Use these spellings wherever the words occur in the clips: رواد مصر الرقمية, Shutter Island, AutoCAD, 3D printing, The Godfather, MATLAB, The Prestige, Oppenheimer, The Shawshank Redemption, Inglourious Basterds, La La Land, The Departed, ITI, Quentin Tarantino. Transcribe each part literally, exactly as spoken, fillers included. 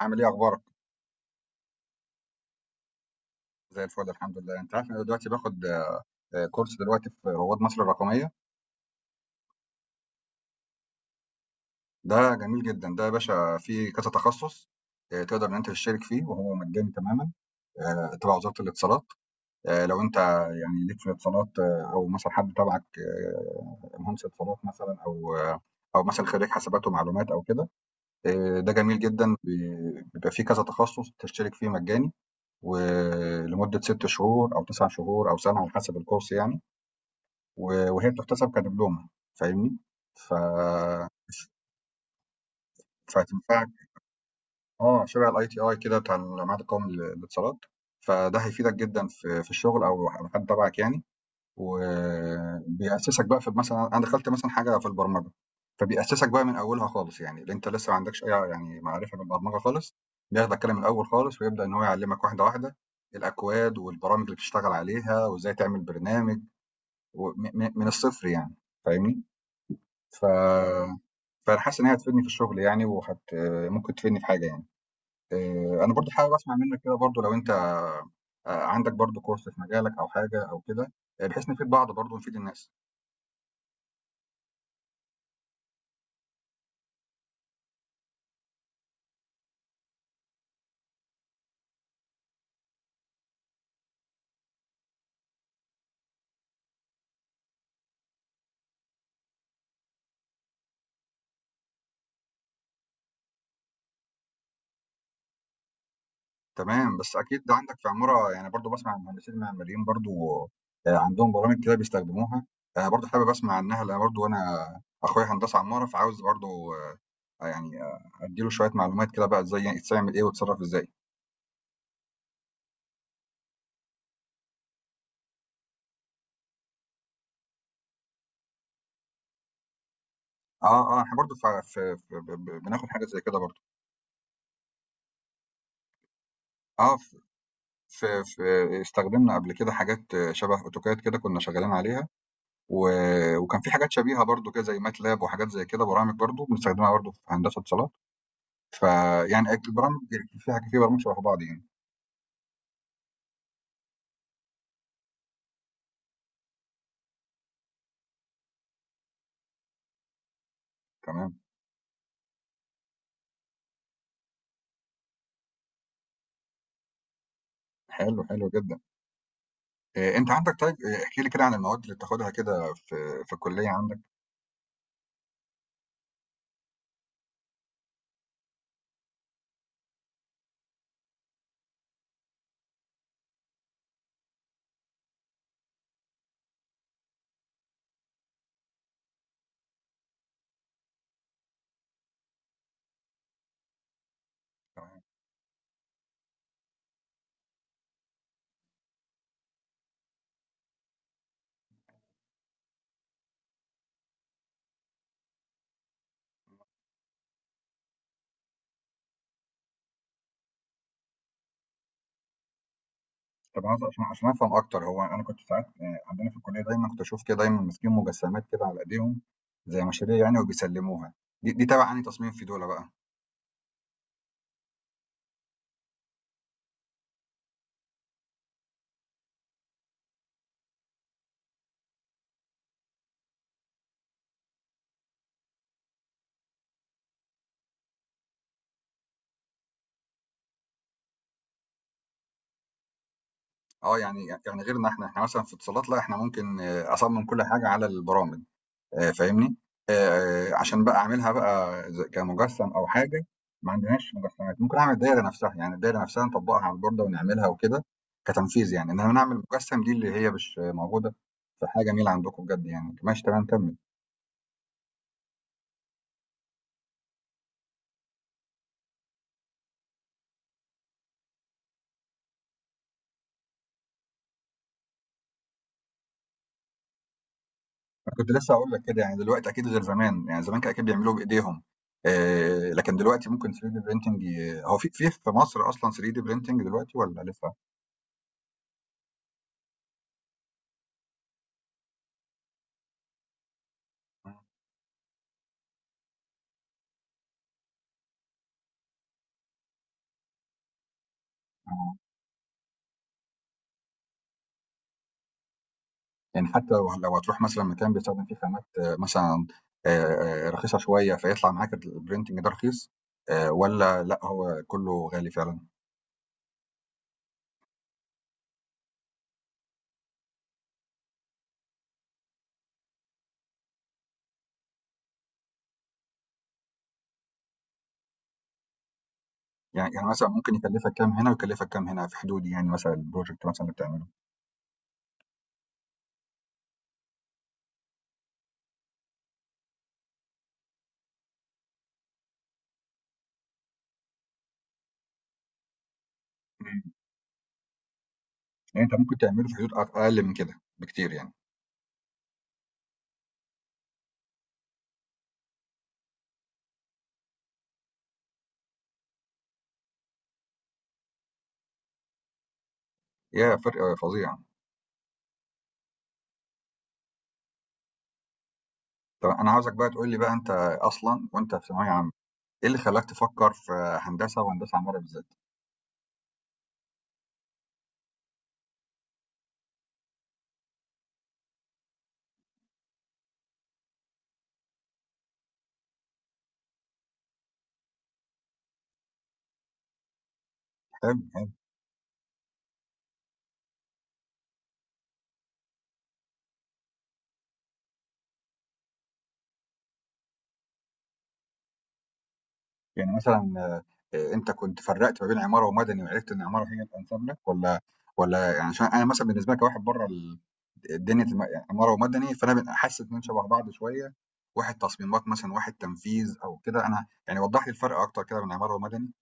عامل ايه اخبارك؟ زي الفل، الحمد لله. انت عارف إن انا دلوقتي باخد آه، كورس دلوقتي في رواد مصر الرقميه. ده جميل جدا ده يا باشا، فيه كذا تخصص. آه، تقدر ان انت تشترك فيه وهو مجاني تماما. آه، تبع وزاره الاتصالات. آه، لو انت يعني ليك في الاتصالات، آه، او مثلا حد تبعك، آه، مهندس اتصالات مثلا، او آه، او مثلا خريج حسابات ومعلومات او كده. آه، ده جميل جدا، بي- بيبقى فيه كذا تخصص تشترك فيه مجاني ولمده ست شهور او تسع شهور او سنه على حسب الكورس يعني. و وهي بتحتسب كدبلومة. فاهمني؟ ف فهتنفعك. آه، شبه الITI كده بتاع المعهد القومي للاتصالات، فده هيفيدك جدًا في في الشغل أو على حد تبعك يعني. وبيأسسك بقى في مثلًا، أنا دخلت مثلًا حاجة في البرمجة، فبيأسسك بقى من أولها خالص يعني، اللي أنت لسه ما عندكش أي يعني معرفة بالبرمجة خالص، بياخدك كده من الأول خالص ويبدأ إن هو يعلمك واحدة واحدة الأكواد والبرامج اللي بتشتغل عليها وإزاي تعمل برنامج و م م من الصفر يعني. فاهمني؟ ف فأنا حاسس إن هي هتفيدني في الشغل يعني، وهت ممكن تفيدني في حاجة يعني. آآ أنا برضه حابب أسمع منّك كده برضه. لو أنت آه، عندك برضه كورس في مجالك أو حاجة أو كده، آه، بحيث نفيد بعض برضه ونفيد الناس. تمام. بس أكيد ده عندك في عمارة يعني، برضه باسمع المهندسين المعماريين برضه آآ عندهم برامج كده بيستخدموها. أنا برضه حابب أسمع عنّها، لأن برضه أنا أخويا هندسة عمارة، فعاوز برضه يعني أدّي له شوية معلومات كده بقى، إزاي يعني تتعمل إيه وتتصرّف إزاي. آه، آه، إحنا برضه ف ف ب ب بناخد حاجة زي كده برضه. آه، ف ف ف استخدمنا قبل كده حاجات شبه AutoCAD كده كنا شغالين عليها. و وكان في حاجات شبيهة برضه كده زي MATLAB وحاجات زي كده، برامج برضه بنستخدمها برضه في هندسة اتصالات. فيعني أكيد البرامج، في حاجة في برامج شبه بعض يعني. تمام. حلو، حلو جدًا. آآ أنت عندك، طيب آآ احكِ لي كده عن المواد اللي بتاخدها كده في في الكلية عندك. تمام. طب عايز، عشان عشان أفهم أكتر، هو أنا كنت ساعات آآ عندنا في الكلية دايمًا كنت أشوف كده، دايمًا ماسكين مجسمات كده على إيديهم زي مشاريع يعني، وبيسلموها. دي دي تبع أنهي تصميم في دُولة بقى؟ آه، يعني يعني غيرنا إحنا، إحنا مثلًا في اتصالات لأ، إحنا ممكن آه، أصمم كل حاجة على البرامج. آآ فاهمني؟ آآ عشان بقى أعملها بقى ز كمجسّم أو حاجة. ما عندناش مجسّمات. ممكن أعمل دايرة نفسها، يعني الدايرة نفسها نطبّقها على البوردة ونعملها وكده، كتنفيذ يعني، إنّما نعمل مجسّم دي اللي هي مش موجودة. فحاجة جميلة عندكم بجد يعني. ماشي، تمام، كمّل. أنا كنت لسّه هاقول لك كده. يعني دلوقتي أكيد غير زمان، يعني زمان كان أكيد بيعملوه بإيديهم، آآ لكن دلوقتي ممكن ثري دي printing، ي هو في في في مصر أصلًا ثري دي printing دلوقتي والّا لسه؟ آه. يعني حتى لو لو هتروح مثلًا مكان بيستخدم فيه خامات، آه، مثلًا آآ رخيصة شوية، فيطلع معاك الprinting ده رخيص، آآ والّا لأ هو كُلّه غالي فعلًا؟ يعني يعني مثلًا ممكن يكلّفك كام هنا ويكلّفك كام هنا في حدود، يعني مثلًا الproject مثلًا اللي بتعمله؟ إمم. يعني أنت ممكن تعمله في حدود أق أقل من كده بكتير يعني. ياه! فرق آه، فظيع. طَب أنا عاوزك بقى تقول لي بقى، أنت أصلًا وأنت في ثانوية عامة، إيه اللي خلّاك تفكّر في هندسة، وهندسة عمارة بالذات؟ حلو، حلو. يعني مثلًا آآ أنت كنت فرّقت ما بين عمارة ومدني وعرفت إن عمارة هي الأنسب لك، والّا والّا يعني عشان أنا مثلًا بالنسبة لي، كواحد برّه ال دنيا الم يعني عمارة ومدني، فأنا ب حاسس إنّهم شبه بعض شوية، واحد تصميمات مثلًا وواحد تنفيذ أو كده. أنا يعني وضّح لي الفرق أكتر كده بين عمارة ومدني.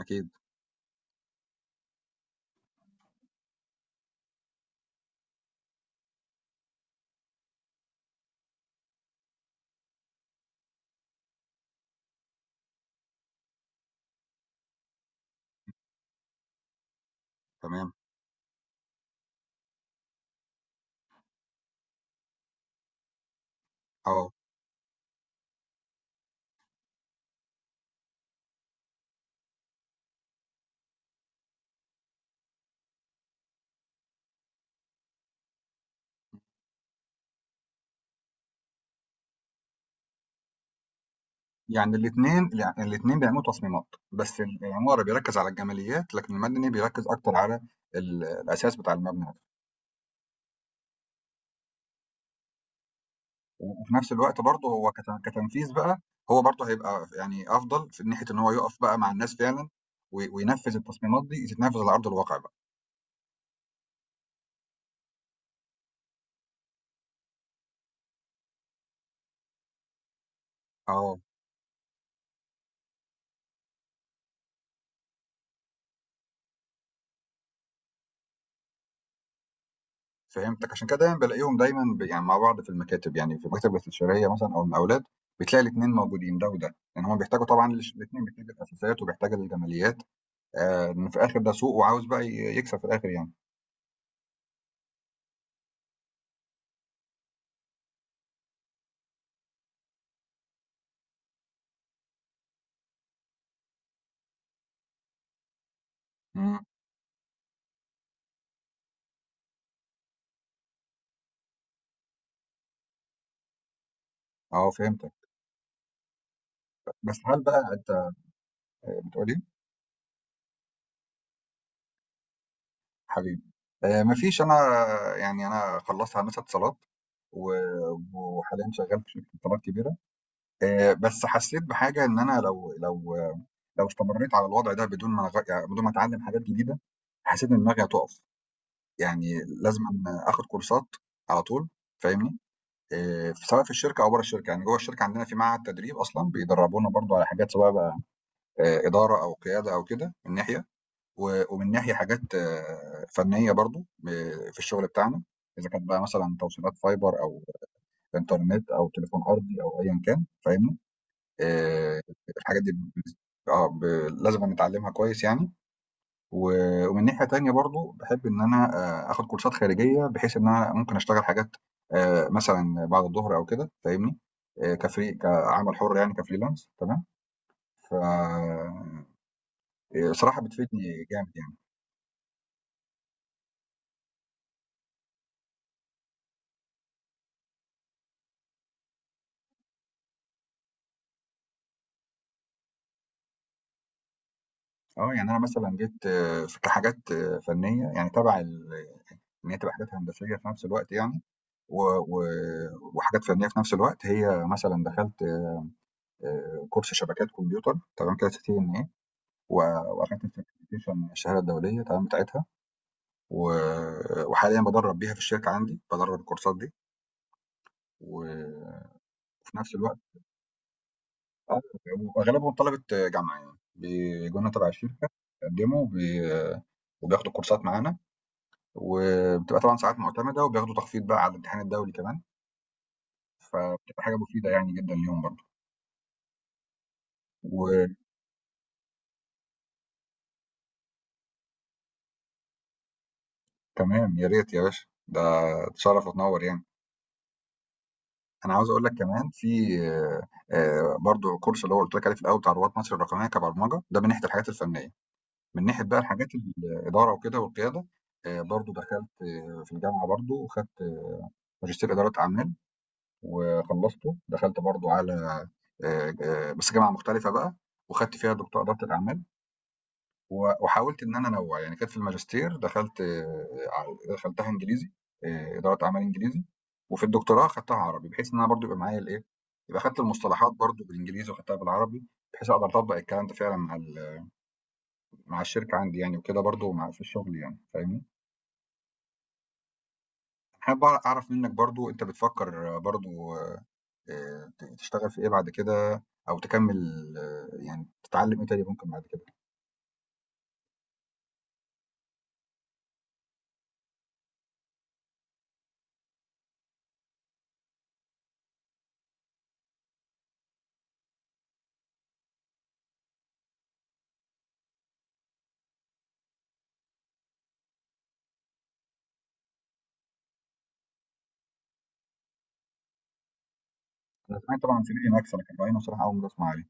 أكيد. تمام. آه. يعني الاتنين، الع الاتنين بيعملوا تصميمات، بس ال العمارة بيركّز على الجماليات، لكن المدني بيركّز أكتر على ال الأساس بتاع المبنى. وفي نفس الوقت برضه هو كت- كتنفيذ بقى، هو برضه هيبقى يعني افضل في ناحيه ان هو يقف بقى مع الناس فعلا، وي- وينفذ التصميمات دي تتنفذ على ارض الواقع بقى. اه، فهمتك. عشان كده دايما بلاقيهم دايما ب- يعني مع بعض في المكاتب، يعني في المكاتب الاستشاريه مثلا او المقاولات، بتلاقي الاثنين موجودين، ده وده يعني. هم بيحتاجوا طبعا، الاثنين بيحتاجوا الاساسيات وبيحتاجوا الجماليات. آه، إن في الاخر ده سوق، وعاوز بقى ي- يكسب في الاخر يعني. مم. اه، فهمتك. بس هل بقى انت بتقولي... حبيبي. آه، مفيش، انا يعني انا خلصت هندسه اتصالات، و- وحاليا شغال في شركه اتصالات كبيره. آه، بس حسيت بحاجه، ان انا لو لو لو استمريت على الوضع ده بدون ما أغ- يعني بدون ما اتعلم حاجات جديده، حسيت ان دماغي هتقف يعني. لازم أن اخد كورسات على طول، فاهمني؟ آه، سواء في الشركه او بره الشركه. يعني جوه الشركه عندنا في معهد تدريب اصلا بيدربونا برضو على حاجات، سواء بقى آه، اداره او قياده او كده من ناحيه، و ومن ناحية حاجات آه، فنية برضه ب في الشغل بتاعنا، إذا كانت بقى مثلًا توصيلات فايبر أو إنترنت أو تليفون أرضي أو أيًا كان، فاهمني؟ آآ الحاجات دي، آه ب لازمًا نتعلمها كويس يعني. و ومن ناحية تانية برضه باحب إن أنا آآ آخد كورسات خارجية بحيث إن أنا ممكن أشتغل حاجات آآ مثلًا بعد الضهر أو كده، فاهمني؟ آآ كfree كعمل حُر يعني كfreelance. تمام. ف آآ صراحة بتفيدني جامد يعني. اه. يعني انا مثلا جيت آه، في كحاجات، آه، فنيه يعني تبع ال- ان هي تبقى حاجات هندسيه في نفس الوقت يعني و... و... وحاجات فنيه في نفس الوقت، هي مثلا دخلت آه، كورس شبكات كمبيوتر، تمام كده، سي تي ان اي. واخدت السيرتيفيكيشن، الشهاده الدوليه تمام بتاعتها. و... وحاليا بدرب بيها في الشركه عندي، بدرب الكورسات دي وفي نفس الوقت آه، واغلبهم طلبه جامعه، يعني بيجوا لنا تبع الشركه، بيقدموا وبي... وبياخدوا كورسات معانا، وبتبقى طبعًا ساعات مُعتمدة، وبياخدوا تخفيض بقى على الامتحان الدولي كمان. فبتبقى حاجة مفيدة يعني جدًا ليهم برضه. وتمام، يا ريت يا باشا، ده تشرّف وتنوّر يعني. أنا عاوز أقول لك كمان في آآ برضه كورس اللي هو قُلت لك عليه في الأول بتاع رواد مصر الرقمية، كبرمجة، ده من ناحية الحاجات الفنية. من ناحية بقى الحاجات الإدارة وكده والقيادة، آآ برضه دخلت آه، في الجامعة برضه وخدت آه، ماجستير إدارة أعمال وخلّصته. دخلت برضه على آآ ج بس جامعة مختلفة بقى وخدت فيها دكتوراه إدارة الأعمال. و وحاولت إن أنا أنوّع. يعني كانت في الماجستير، دخلت آآ دخلتها إنجليزي، آآ إدارة أعمال إنجليزي، وفي الدكتوراه خدتها عربي، بحيث إن أنا برضه يبقى معايا الإيه، يبقى خدت المصطلحات برضه بالإنجليزي وخدتها بالعربي، بحيث أقدر أطبّق الكلام ده فعلًا مع ال مع الشركة عندي يعني، وكده برضه مع في الشغل يعني، فاهمني؟ حابب أع أعرف منّك برضه، أنت بتفكّر برضه آآ ت تشتغل في إيه بعد كده، أو تكمّل آه، يعني تتعلّم إيه تاني ممكن بعد كده؟ أنا سمعت طبعًا عن صناعي مكسب، لكن بعدين بصراحة أول مرّة أسمع عليه.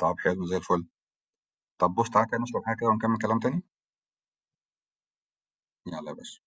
طَب حلو زي الفل. طب بُص، تعالَ كده نشرب حاجة كده ونكمّل كلام تاني. يالّا يا باشا.